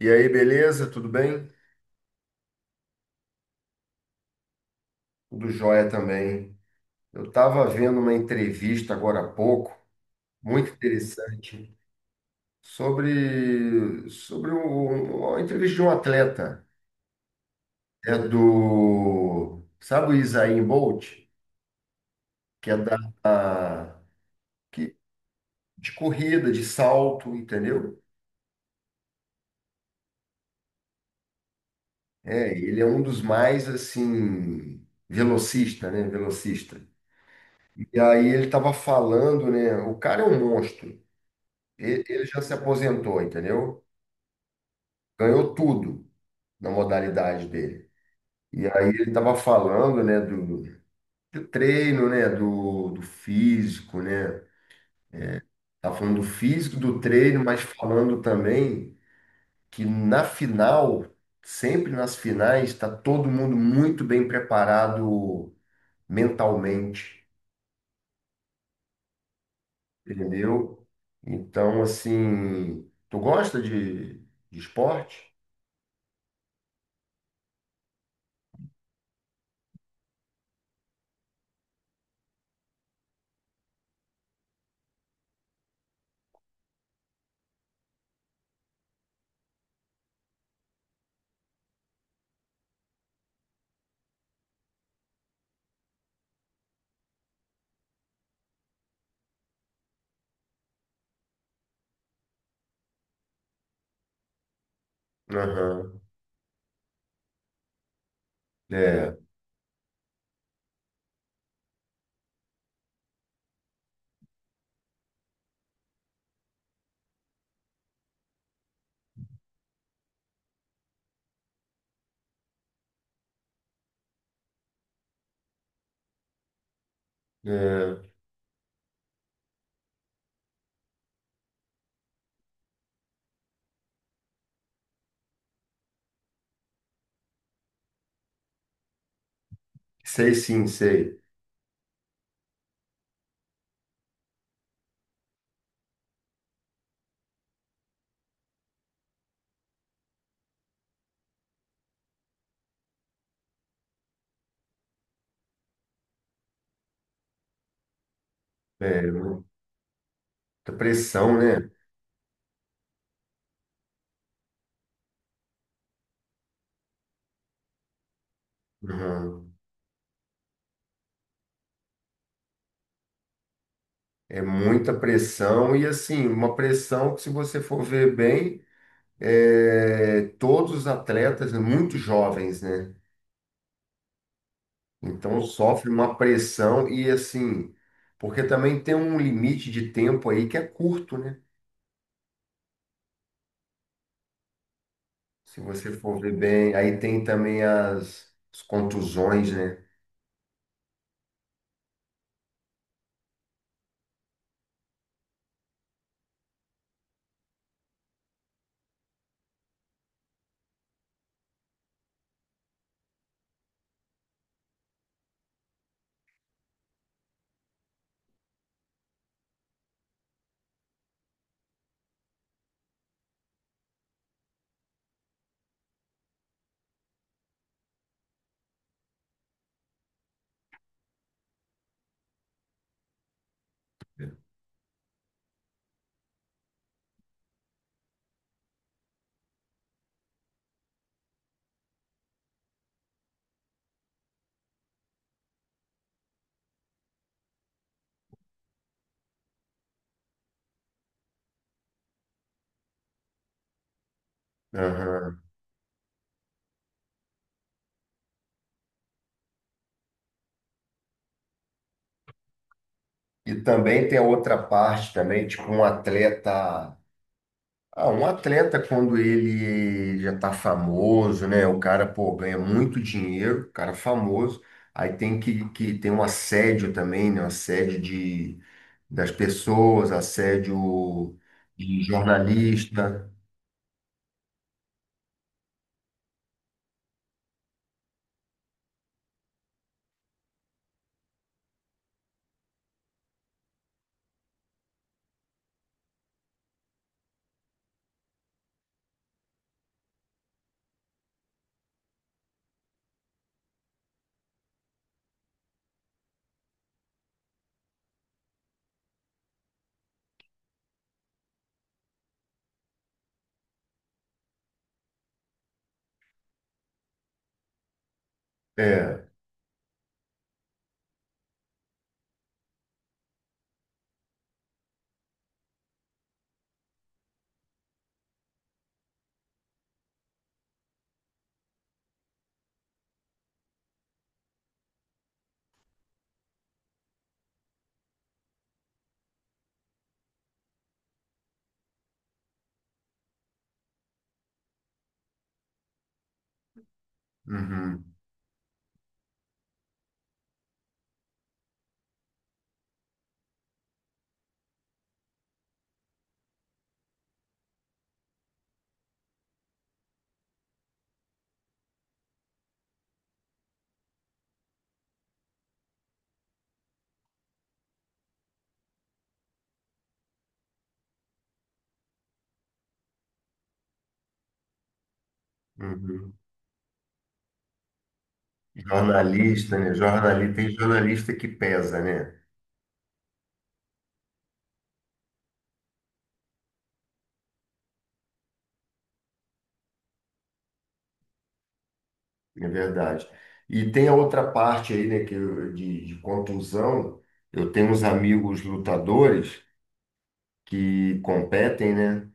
E aí, beleza? Tudo bem? Tudo jóia também. Eu estava vendo uma entrevista agora há pouco, muito interessante, sobre uma entrevista de um atleta. É do, sabe o Usain Bolt? Que é da, a- que, de corrida, de salto, entendeu? É, ele é um dos mais, assim, velocista, né? Velocista. E aí ele estava falando, né? O cara é um monstro. Ele já se aposentou, entendeu? Ganhou tudo na modalidade dele. E aí ele estava falando, né, do treino, né, do físico, né? Tava falando do físico, do treino, mas falando também que na final, sempre nas finais, está todo mundo muito bem preparado mentalmente, entendeu? Então, assim, tu gosta de esporte? Aham. É, é, sei sim, sei. É, muita pressão, né? Uhum. É muita pressão e assim, uma pressão que se você for ver bem, é, todos os atletas, né, muito jovens, né? Então sofre uma pressão e assim, porque também tem um limite de tempo aí que é curto, né? Se você for ver bem, aí tem também as contusões, né? Aham. E também tem a outra parte também, tipo um atleta. Ah, um atleta, quando ele já tá famoso, né? O cara, pô, ganha muito dinheiro, o cara famoso, aí tem que tem um assédio também, né? Um assédio de, das pessoas, assédio de jornalista. É, uhum, uhum. Jornalista, né? Jornalista, tem jornalista que pesa, né? É verdade. E tem a outra parte aí, né, de contusão. Eu tenho uns amigos lutadores que competem, né?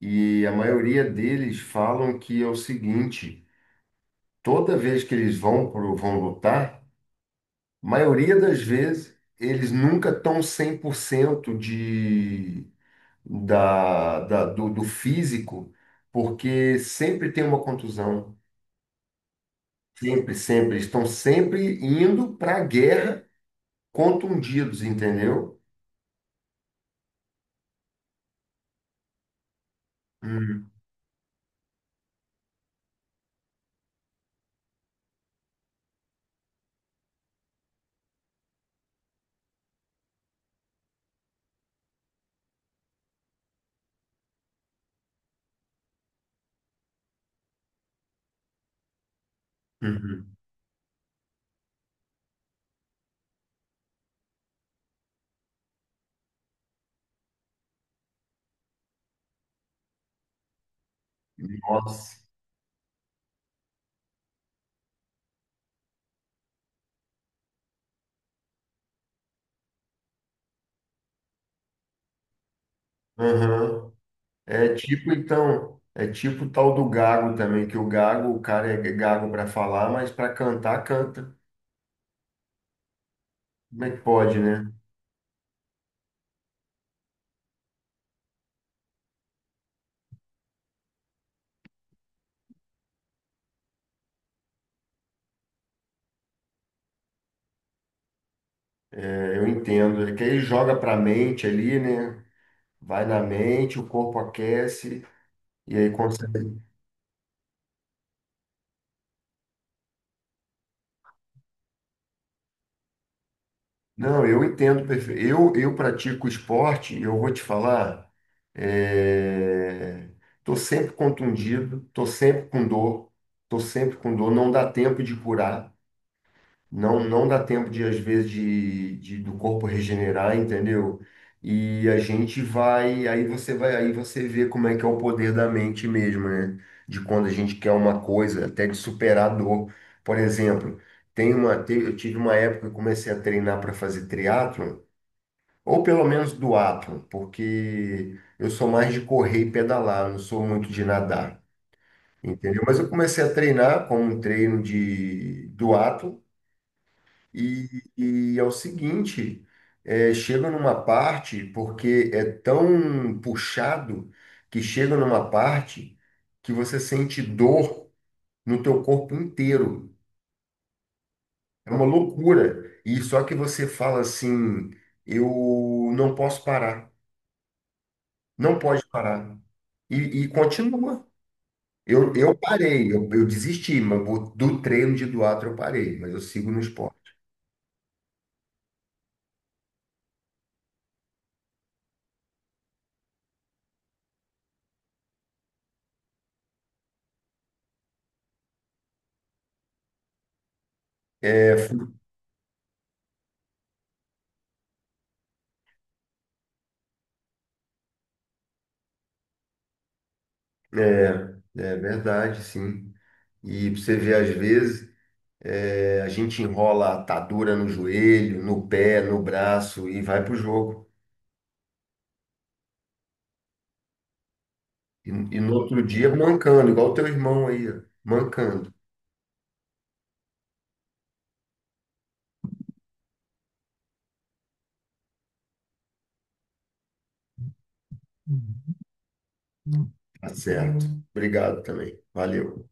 E a maioria deles falam que é o seguinte: toda vez que eles vão vão lutar, a maioria das vezes eles nunca estão 100% de, do físico, porque sempre tem uma contusão. Sempre, sempre. Eles estão sempre indo para a guerra contundidos, entendeu? Hum, uhum. Nossa. Aham. É tipo, então, é tipo o tal do gago também, que o gago, o cara é gago para falar, mas para cantar, canta. Como é que pode, né? É, eu entendo. É que ele joga para a mente ali, né? Vai na mente, o corpo aquece e aí consegue. Não, eu entendo perfeito. Eu pratico esporte, e eu vou te falar, é... Tô sempre contundido, tô sempre com dor, tô sempre com dor, não dá tempo de curar. Não, não dá tempo de, às vezes, do corpo regenerar, entendeu? E a gente vai, aí você vê como é que é o poder da mente mesmo, né? De quando a gente quer uma coisa, até de superar a dor. Por exemplo, tem eu tive uma época que eu comecei a treinar para fazer triatlo, ou pelo menos duatlo, porque eu sou mais de correr e pedalar, não sou muito de nadar, entendeu? Mas eu comecei a treinar como um treino de duatlo e, e é o seguinte, é, chega numa parte, porque é tão puxado, que chega numa parte que você sente dor no teu corpo inteiro. É uma loucura. E só que você fala assim, eu não posso parar, não pode parar. E, e continua. Eu parei, eu desisti, mas do treino de Duatro eu parei, mas eu sigo no esporte. É, fu- é é verdade, sim. E pra você vê, às vezes, é, a gente enrola a atadura no joelho, no pé, no braço e vai pro jogo. E no outro dia mancando, igual o teu irmão aí, ó, mancando. Uhum. Tá certo. Obrigado também. Valeu.